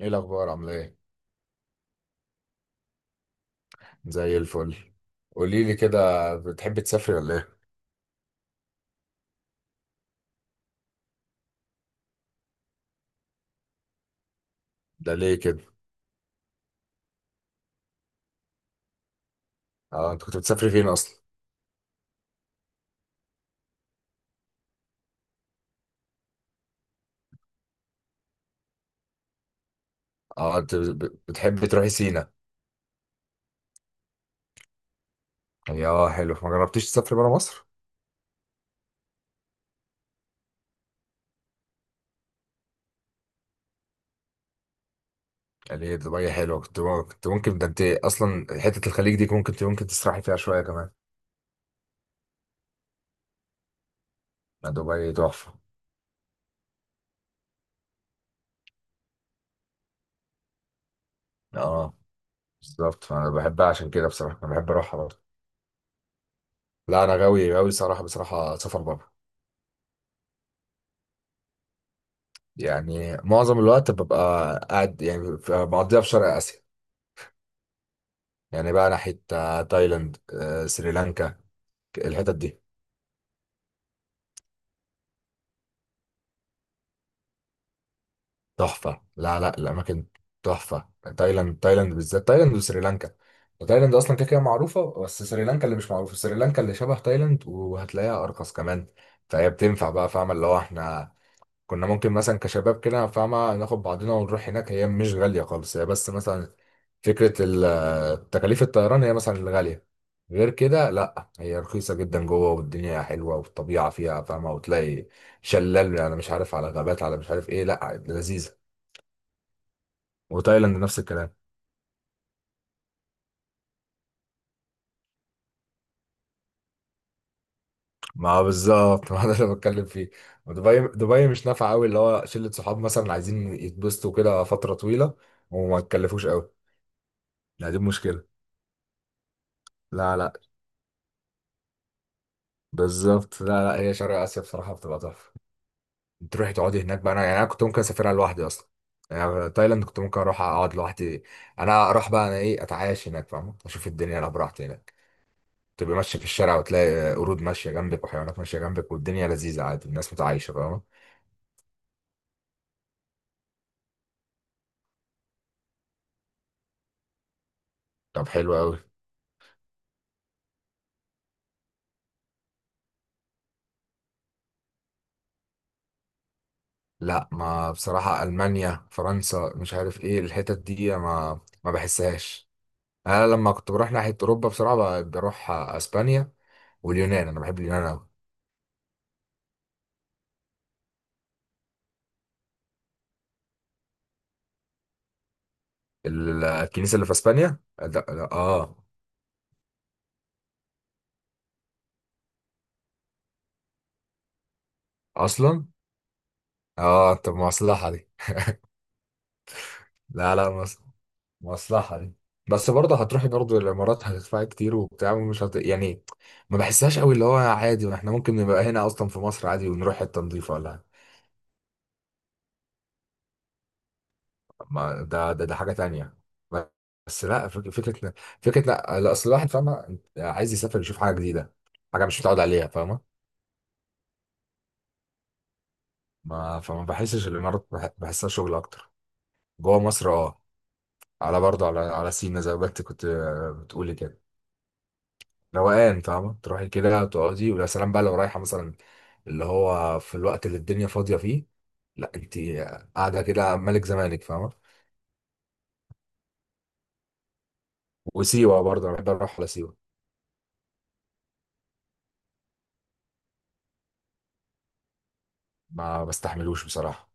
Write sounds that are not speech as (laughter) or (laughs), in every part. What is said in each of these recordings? ايه الاخبار؟ عامله ايه؟ زي الفل. قولي لي كده، بتحبي تسافري ولا ايه؟ ده ليه كده؟ اه، انت كنت بتسافري فين اصلا؟ اه، انت بتحبي تروحي سينا؟ يا حلو، ما جربتيش تسافري بره مصر؟ ليه؟ دبي حلوه، كنت ممكن، ده انت اصلا حته الخليج دي ممكن تسرحي فيها شويه كمان. ما دبي تحفه. اه بالظبط، فانا بحبها عشان كده، بصراحه انا بحب اروحها برضه. لا انا غاوي صراحه، بصراحه سفر بره. يعني معظم الوقت ببقى قاعد، يعني بقضيها في شرق اسيا. يعني بقى ناحية تايلاند، سريلانكا. الحتت دي تحفة. لا الأماكن تحفة. تايلاند، بالذات تايلاند وسريلانكا. تايلاند أصلا كده كده معروفة، بس سريلانكا اللي مش معروفة. سريلانكا اللي شبه تايلاند وهتلاقيها أرخص كمان. فهي بتنفع بقى، فاهمة، اللي هو احنا كنا ممكن مثلا كشباب كده، فاهمة، ناخد بعضنا ونروح هناك. هي مش غالية خالص، هي بس مثلا فكرة تكاليف الطيران هي مثلا الغالية. غير كده لا، هي رخيصة جدا جوه، والدنيا حلوة والطبيعة فيها، فاهمة، وتلاقي شلال، أنا مش عارف، على غابات، على مش عارف إيه، لا لذيذة. وتايلاند نفس الكلام. ما بالظبط، (laughs) ما ده اللي بتكلم فيه. ودبي، دبي مش نافعة قوي اللي هو شلة صحاب مثلا عايزين يتبسطوا كده فترة طويلة وما تكلفوش قوي. لا دي مشكلة. لا لا، بالظبط. لا لا، هي شرق اسيا بصراحه بتبقى تحفه. تروحي تقعدي هناك بقى، انا يعني انا كنت ممكن اسافرها لوحدي اصلا. يعني تايلاند كنت ممكن اروح اقعد لوحدي. انا اروح بقى، انا ايه، اتعايش هناك، فاهم، اشوف الدنيا انا براحتي هناك. تبقى ماشيه في الشارع وتلاقي قرود ماشيه جنبك وحيوانات ماشيه جنبك، والدنيا لذيذه، عادي، الناس متعايشه، فاهم. طب حلو قوي. لا، ما بصراحه المانيا فرنسا مش عارف ايه الحتت دي، ما بحسهاش. انا لما كنت بروح ناحيه اوروبا بصراحه بروح اسبانيا واليونان. انا بحب اليونان قوي. الكنيسة اللي في اسبانيا، لا, لا اه. اصلا اه، طب مصلحة دي. لا لا مصلحة دي. بس برضه هتروحي برضه الامارات، هتدفعي كتير وبتاع ومش هت... يعني ما بحسهاش قوي اللي هو عادي، ما احنا ممكن نبقى هنا اصلا في مصر عادي ونروح حتة نضيفة ولا حاجة. ما ده حاجة تانية. بس لا فكرة، فكرة، لا لا، اصل الواحد، فاهمة، عايز يسافر يشوف حاجة جديدة، حاجة مش متعود عليها، فاهمة. ما فما بحسش الامارات بحسها شغل اكتر. جوه مصر اه، على برضه على على سينا زي ما انت كنت بتقولي كده. روقان، فاهمة، تروحي كده تقعدي، ويا سلام بقى لو رايحة مثلا اللي هو في الوقت اللي الدنيا فاضية فيه. لا انت قاعدة كده ملك زمانك، فاهمة. وسيوة برضه انا بحب اروح على سيوة. ما بستحملوش بصراحة.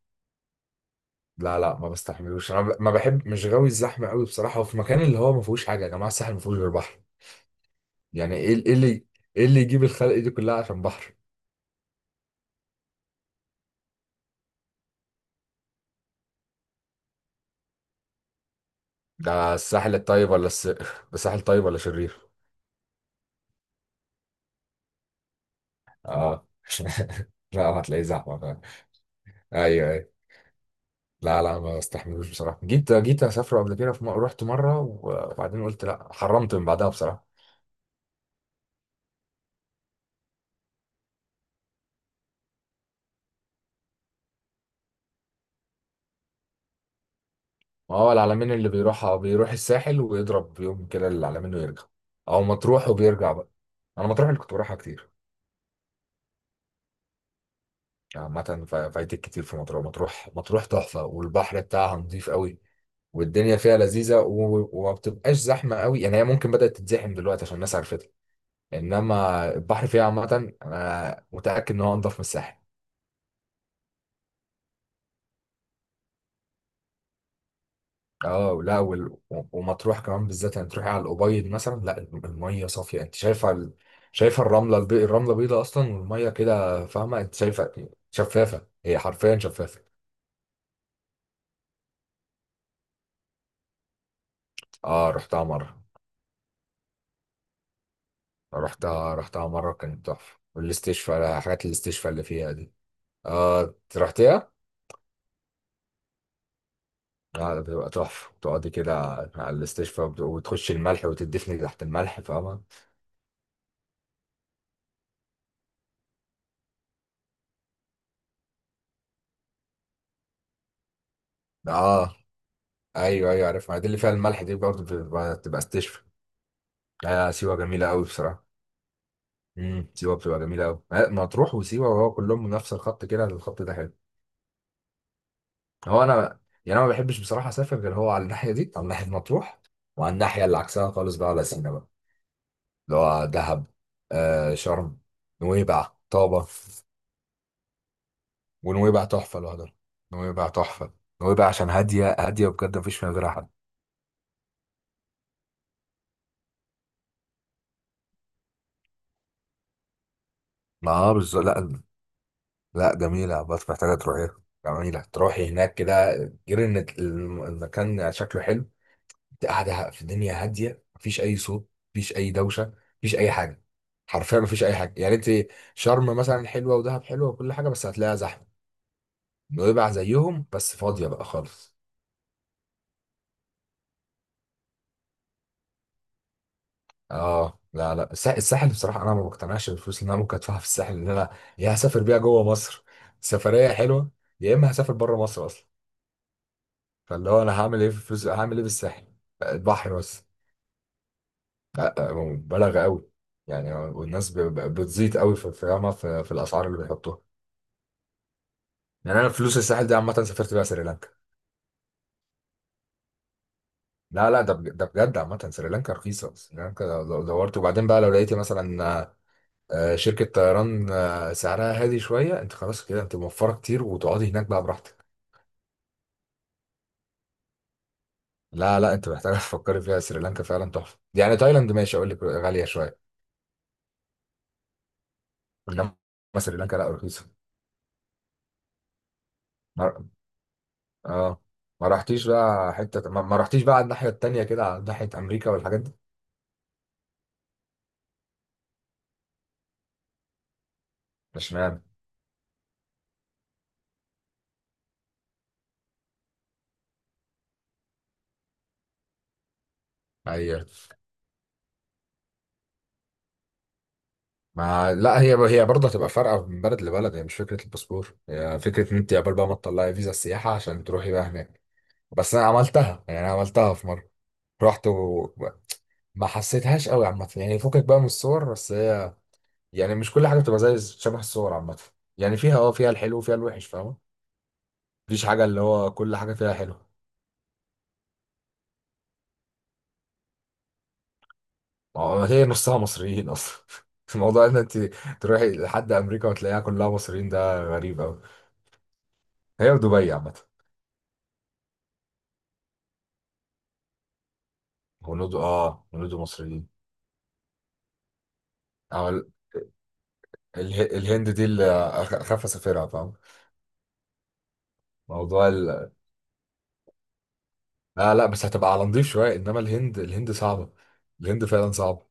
لا لا ما بستحملوش، انا ب-، ما بحب، مش غاوي الزحمة قوي بصراحة، وفي مكان اللي هو ما فيهوش حاجة، يا جماعة الساحل ما فيهوش غير بحر، يعني ايه، ايه اللي يجيب الخلق دي كلها عشان بحر؟ ده الساحل الطيب ولا الس...؟ (laughs) الساحل طيب ولا شرير؟ اه. (laughs) لا هتلاقيه زحمه فعلا. ايوه، لا لا ما بستحملوش بصراحه، جيت اسافر قبل كده في م...، رحت مره وبعدين قلت لا، حرمت من بعدها بصراحه. ما هو العلمين اللي بيروح الساحل ويضرب يوم كده العلمين ويرجع، او مطروح وبيرجع بقى. انا مطروح اللي كنت بروحها كتير. عامه فايتك كتير في مطروح، مطروح تحفه والبحر بتاعها نظيف قوي، والدنيا فيها لذيذه و... وما بتبقاش زحمه قوي، يعني هي ممكن بدات تتزحم دلوقتي عشان الناس عرفتها، انما البحر فيها عامه انا متاكد ان هو انضف من الساحل. اه لا وال...، ومطروح كمان بالذات، يعني تروحي على الأبيض مثلا، لا المية صافية، انت شايفة ال...، شايفة الرملة الب...، الرملة بيضة اصلا، والمية كده، فاهمة، انت شايفة شفافة، هي حرفيا شفافة. اه رحتها مرة. رحتها مرة، كانت تحفة، والاستشفاء، حاجات الاستشفاء اللي فيها دي. اه، أنت رحتيها؟ اه ده بتبقى تحفة، تقعدي كده على الاستشفاء، وتخشي الملح وتدفني تحت الملح، فاهمة. اه ايوه ايوه عارف، ما دي اللي فيها الملح دي برضه بتبقى استشفى. لا سيوه جميله قوي بصراحه. سيوه بتبقى جميله قوي، مطروح وسيوه، وهو كلهم من نفس الخط كده، الخط ده حلو. هو انا، يعني انا ما بحبش بصراحه اسافر غير هو على الناحيه دي، على ناحيه مطروح، وعلى الناحيه اللي عكسها خالص بقى، على سينا بقى، اللي هو دهب، آه شرم، نويبع، طابه. ونويبع تحفه لوحدها، نويبع تحفه، نويبع عشان هاديه، هاديه بجد، ما فيش فيها غيرها حد. ما بالظبط. لا لا جميلة، بس محتاجة تروحيها. جميلة، تروحي هناك كده، غير ان المكان شكله حلو، انت قاعدة في الدنيا هادية، مفيش أي صوت، مفيش أي دوشة، مفيش أي حاجة، حرفيا مفيش أي حاجة، يعني انت. شرم مثلا حلوة ودهب حلوة وكل حاجة، بس هتلاقيها زحمة. نويبع زيهم بس فاضية بقى خالص. اه لا لا الساحل بصراحة، أنا ما بقتنعش بالفلوس اللي أنا ممكن أدفعها في الساحل، إن أنا يا هسافر بيها جوه مصر سفرية حلوة، يا إما هسافر بره مصر أصلا. فاللي هو انا هعمل ايه في فلوس، هعمل ايه بالساحل؟ البحر بس. لا هو مبالغه قوي، يعني والناس بتزيد قوي في في، فاهمة، في الاسعار اللي بيحطوها. يعني انا فلوس الساحل دي عامه سافرت بيها سريلانكا. لا لا ده ده بجد، عامه سريلانكا رخيصه، سريلانكا لو دورت، وبعدين بقى لو لقيتي مثلا شركه طيران سعرها هادي شويه، انت خلاص كده، انت موفره كتير وتقعدي هناك بقى براحتك. لا لا انت محتاجه، (laughs) تفكري فيها، سريلانكا فعلا تحفه، يعني تايلاند ماشي اقول لك غاليه شويه، انما سريلانكا لا رخيصه. اه، ما رحتيش بقى حتة ما رحتيش بقى على الناحية التانية كده، على ناحية أمريكا والحاجات دي؟ مش معنى، هي ما لا هي هي برضه هتبقى فارقة من بلد لبلد، هي مش فكرة الباسبور، هي فكرة إن أنت قبل بقى ما تطلعي فيزا السياحة عشان تروحي بقى هناك. بس أنا عملتها، يعني أنا عملتها في مرة، رحت وما حسيتهاش قوي عامة، يعني فكك بقى من الصور، بس هي يعني مش كل حاجة بتبقى زي شبه الصور عامة، يعني فيها اه، فيها الحلو وفيها الوحش، فاهمة. مفيش حاجة اللي هو كل حاجة فيها حلو. ما هو هي نصها مصريين اصلا. (laughs) الموضوع ان انت تروحي لحد امريكا وتلاقيها كلها مصريين، ده غريب قوي. هي ودبي عامه، هنود، اه هنود مصريين. او الهند دي اللي اخاف اسافرها، فاهم؟ موضوع ال...، لا لا بس هتبقى على نضيف شويه، انما الهند، صعبه، الهند فعلا صعبه.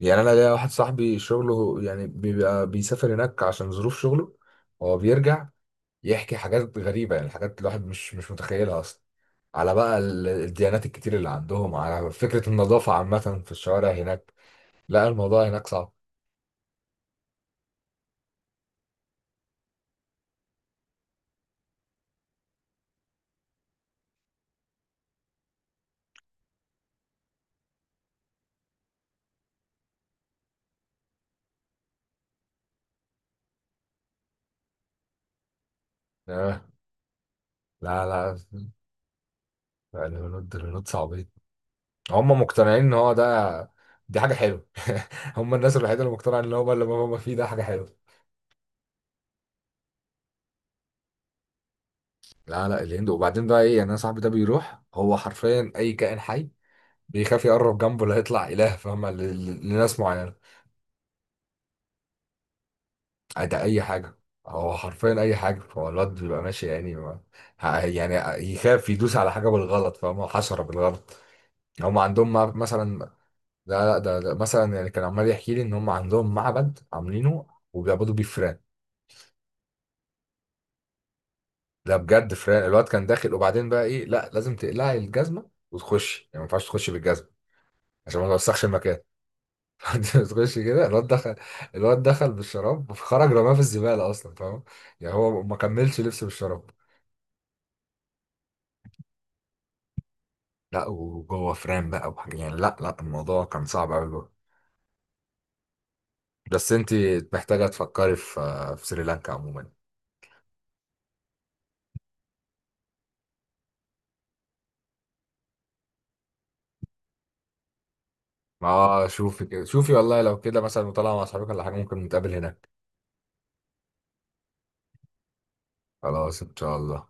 يعني انا ليا واحد صاحبي شغله، يعني بيبقى بيسافر هناك عشان ظروف شغله، هو بيرجع يحكي حاجات غريبة، يعني حاجات الواحد مش متخيلها أصلا، على بقى الديانات الكتير اللي عندهم، على فكرة النظافة عامة في الشوارع هناك. لا الموضوع هناك صعب. آه، لا لا، الهنود الهنود صعبين، هم مقتنعين إن هو ده دي حاجة حلوة. (laughs) هم الناس الوحيدة اللي مقتنعة إن هو اللي هم فيه ده حاجة حلوة. لا لا الهند، وبعدين بقى إيه يعني، أنا صاحبي ده بيروح، هو حرفيا أي كائن حي بيخاف يقرب جنبه، لا يطلع إله، فاهمة، لناس معينة. ده اي حاجه، هو حرفيا اي حاجه، هو الواد بيبقى ماشي يعني ما...، يعني يخاف يدوس على حاجه بالغلط، فاهم، حشره بالغلط. هم عندهم مثلا، لا لا ده مثلا يعني، كان عمال يحكي لي ان هم عندهم معبد عاملينه وبيعبدوا بيه فئران، ده بجد، فئران. الواد كان داخل، وبعدين بقى ايه، لا لازم تقلعي الجزمه وتخش، يعني ما ينفعش تخش بالجزمه عشان ما توسخش المكان. (laughs) تخش كده، الواد دخل، الواد دخل بالشراب وخرج رماه في الزباله اصلا، فاهم، يعني هو ما كملش لبسه بالشراب. لا وجوه فريم بقى وحاجة، يعني لا لا الموضوع كان صعب قوي. بس انت محتاجة تفكري في في سريلانكا عموما. ما شوفي كده، شوفي والله، لو كده مثلا وطالعة مع اصحابك ولا حاجة ممكن نتقابل هناك. خلاص، ان شاء الله.